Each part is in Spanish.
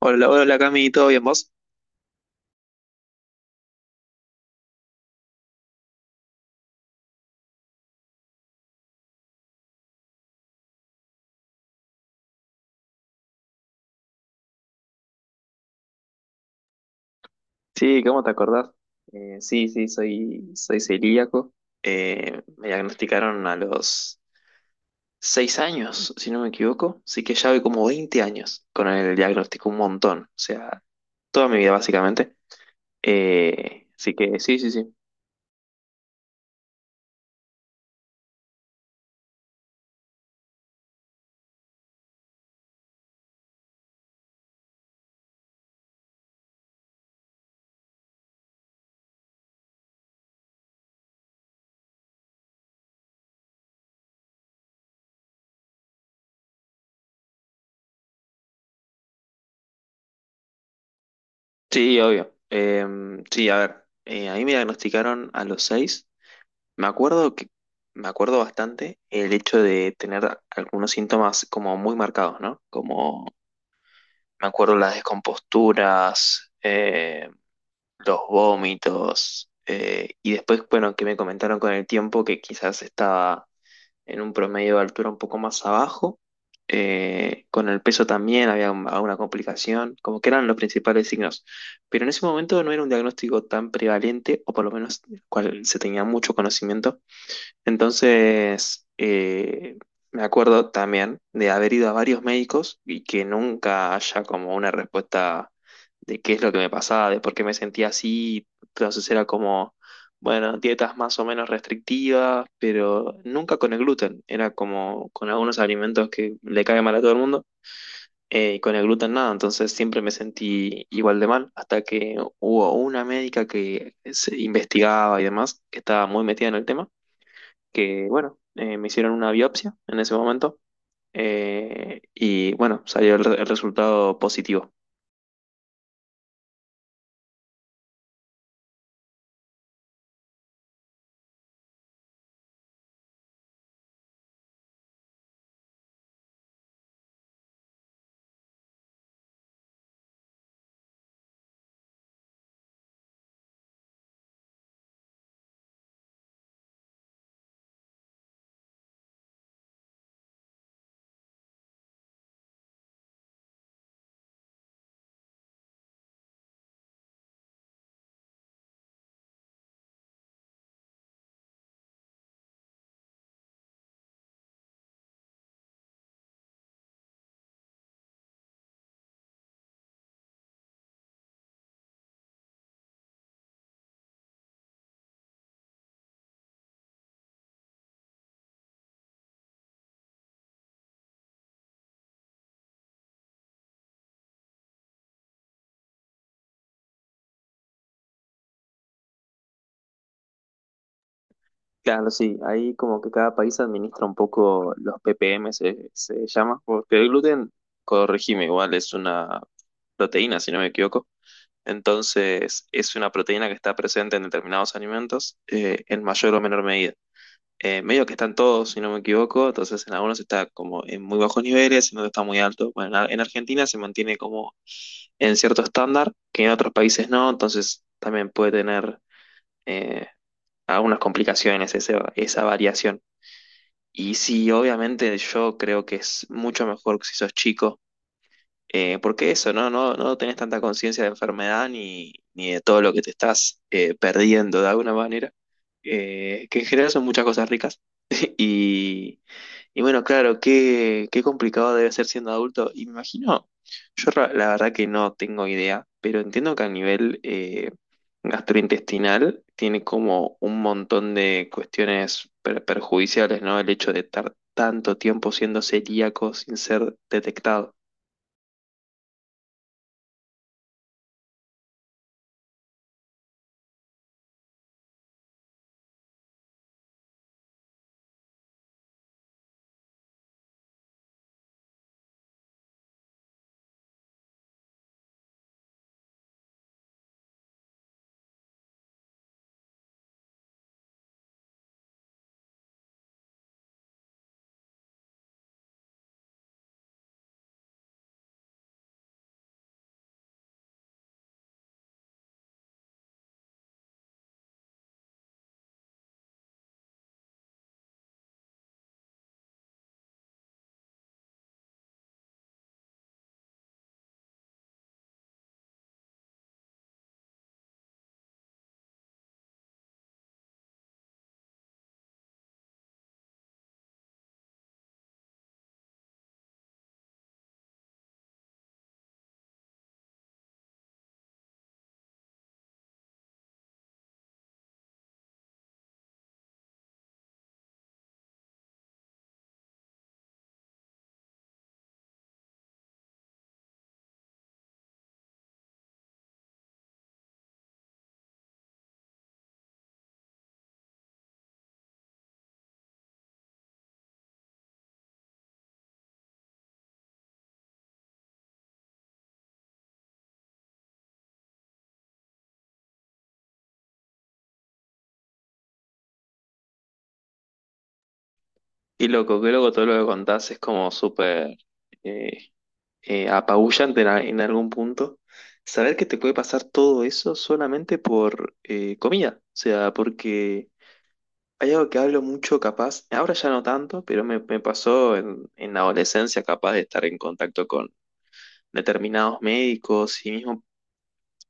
Hola, hola Cami, ¿todo bien vos? Sí, ¿cómo te acordás? Sí, soy celíaco. Me diagnosticaron a los 6 años, si no me equivoco. Así que ya voy como 20 años con el diagnóstico, un montón. O sea, toda mi vida básicamente. Así que sí, sí, sí. Sí, obvio. Sí, a ver. A mí me diagnosticaron a los seis. Me acuerdo que, Me acuerdo bastante el hecho de tener algunos síntomas como muy marcados, ¿no? Como me acuerdo las descomposturas, los vómitos, y después, bueno, que me comentaron con el tiempo que quizás estaba en un promedio de altura un poco más abajo. Con el peso también había alguna complicación, como que eran los principales signos. Pero en ese momento no era un diagnóstico tan prevalente, o por lo menos del cual se tenía mucho conocimiento. Entonces, me acuerdo también de haber ido a varios médicos y que nunca haya como una respuesta de qué es lo que me pasaba, de por qué me sentía así. Entonces era como, bueno, dietas más o menos restrictivas, pero nunca con el gluten. Era como con algunos alimentos que le caen mal a todo el mundo. Y con el gluten nada, entonces siempre me sentí igual de mal, hasta que hubo una médica que se investigaba y demás, que estaba muy metida en el tema, que, bueno, me hicieron una biopsia en ese momento y, bueno, salió el resultado positivo. Claro, sí, ahí como que cada país administra un poco los ppm, se llama, porque el gluten, corregime, igual es una proteína, si no me equivoco. Entonces, es una proteína que está presente en determinados alimentos en mayor o menor medida. Medio que están todos, si no me equivoco, entonces en algunos está como en muy bajos niveles, en otros está muy alto. Bueno, en Argentina se mantiene como en cierto estándar que en otros países no, entonces también puede tener eh, algunas complicaciones esa variación. Y sí, obviamente yo creo que es mucho mejor que si sos chico, porque eso, ¿no? No, no tenés tanta conciencia de enfermedad ni, ni de todo lo que te estás perdiendo de alguna manera, que en general son muchas cosas ricas. Y, y bueno, claro, qué complicado debe ser siendo adulto. Y me imagino, la verdad que no tengo idea, pero entiendo que a nivel gastrointestinal tiene como un montón de cuestiones perjudiciales, ¿no? El hecho de estar tanto tiempo siendo celíaco sin ser detectado. Y loco, que luego todo lo que contás es como súper eh, apabullante en algún punto. Saber que te puede pasar todo eso solamente por comida. O sea, porque hay algo que hablo mucho, capaz, ahora ya no tanto, pero me pasó en la adolescencia, capaz de estar en contacto con determinados médicos y mismo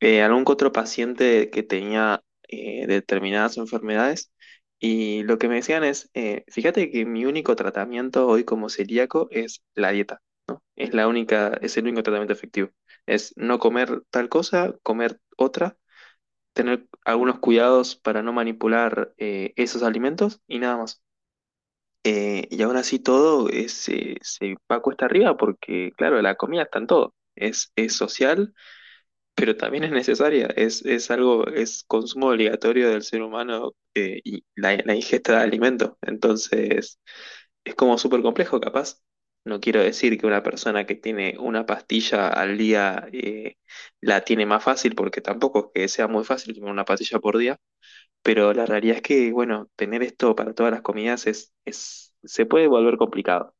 algún que otro paciente que tenía determinadas enfermedades. Y lo que me decían es, fíjate que mi único tratamiento hoy como celíaco es la dieta. Es la única, es el único tratamiento efectivo. Es no comer tal cosa, comer otra, tener algunos cuidados para no manipular esos alimentos y nada más. Y aún así todo es, se va cuesta arriba porque, claro, la comida está en todo. Es social, pero también es necesaria. Es algo, es consumo obligatorio del ser humano y la ingesta de alimento. Entonces, es como súper complejo, capaz. No quiero decir que una persona que tiene una pastilla al día la tiene más fácil, porque tampoco es que sea muy fácil tomar una pastilla por día, pero la realidad es que, bueno, tener esto para todas las comidas es, se puede volver complicado.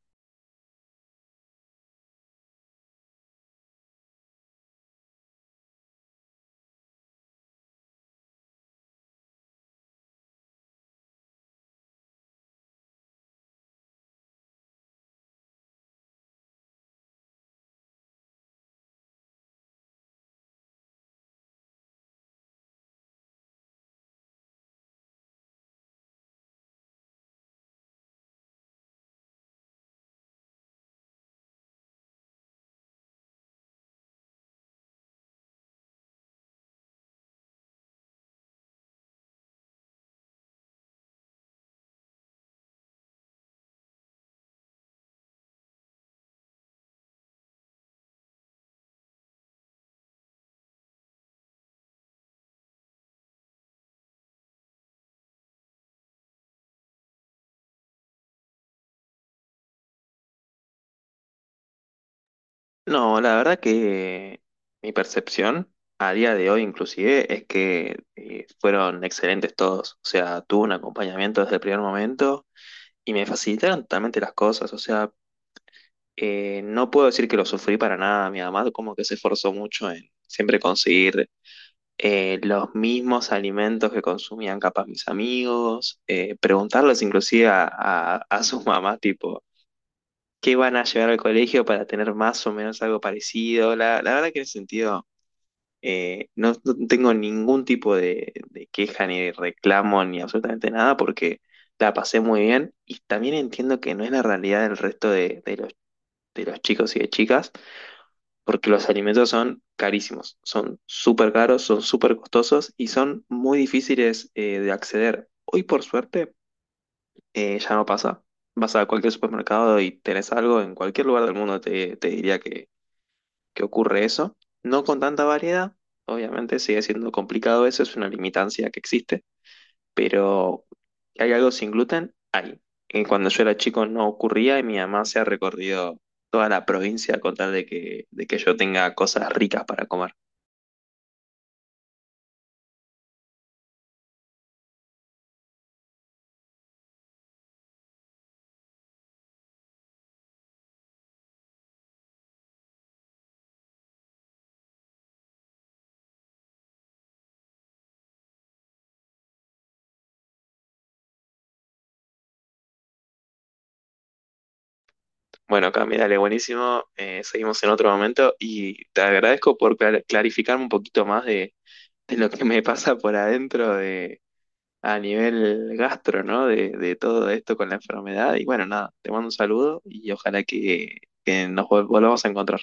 No, la verdad que mi percepción a día de hoy inclusive es que fueron excelentes todos. O sea, tuve un acompañamiento desde el primer momento y me facilitaron totalmente las cosas. O sea, no puedo decir que lo sufrí para nada. Mi mamá como que se esforzó mucho en siempre conseguir los mismos alimentos que consumían capaz mis amigos, preguntarles inclusive a, a sus mamás, tipo, ¿qué van a llevar al colegio para tener más o menos algo parecido? La verdad que en ese sentido no tengo ningún tipo de queja ni de reclamo ni absolutamente nada porque la pasé muy bien y también entiendo que no es la realidad del resto de los chicos y de chicas porque los alimentos son carísimos, son súper caros, son súper costosos y son muy difíciles de acceder. Hoy por suerte ya no pasa. Vas a cualquier supermercado y tenés algo, en cualquier lugar del mundo te diría que ocurre eso. No con tanta variedad, obviamente sigue siendo complicado eso, es una limitancia que existe, pero hay algo sin gluten. Cuando yo era chico no ocurría y mi mamá se ha recorrido toda la provincia con tal de que yo tenga cosas ricas para comer. Bueno, Cami, dale, buenísimo. Seguimos en otro momento y te agradezco por clarificarme un poquito más de lo que me pasa por adentro de, a nivel gastro, ¿no? De todo esto con la enfermedad. Y bueno, nada, te mando un saludo y ojalá que nos volvamos a encontrar.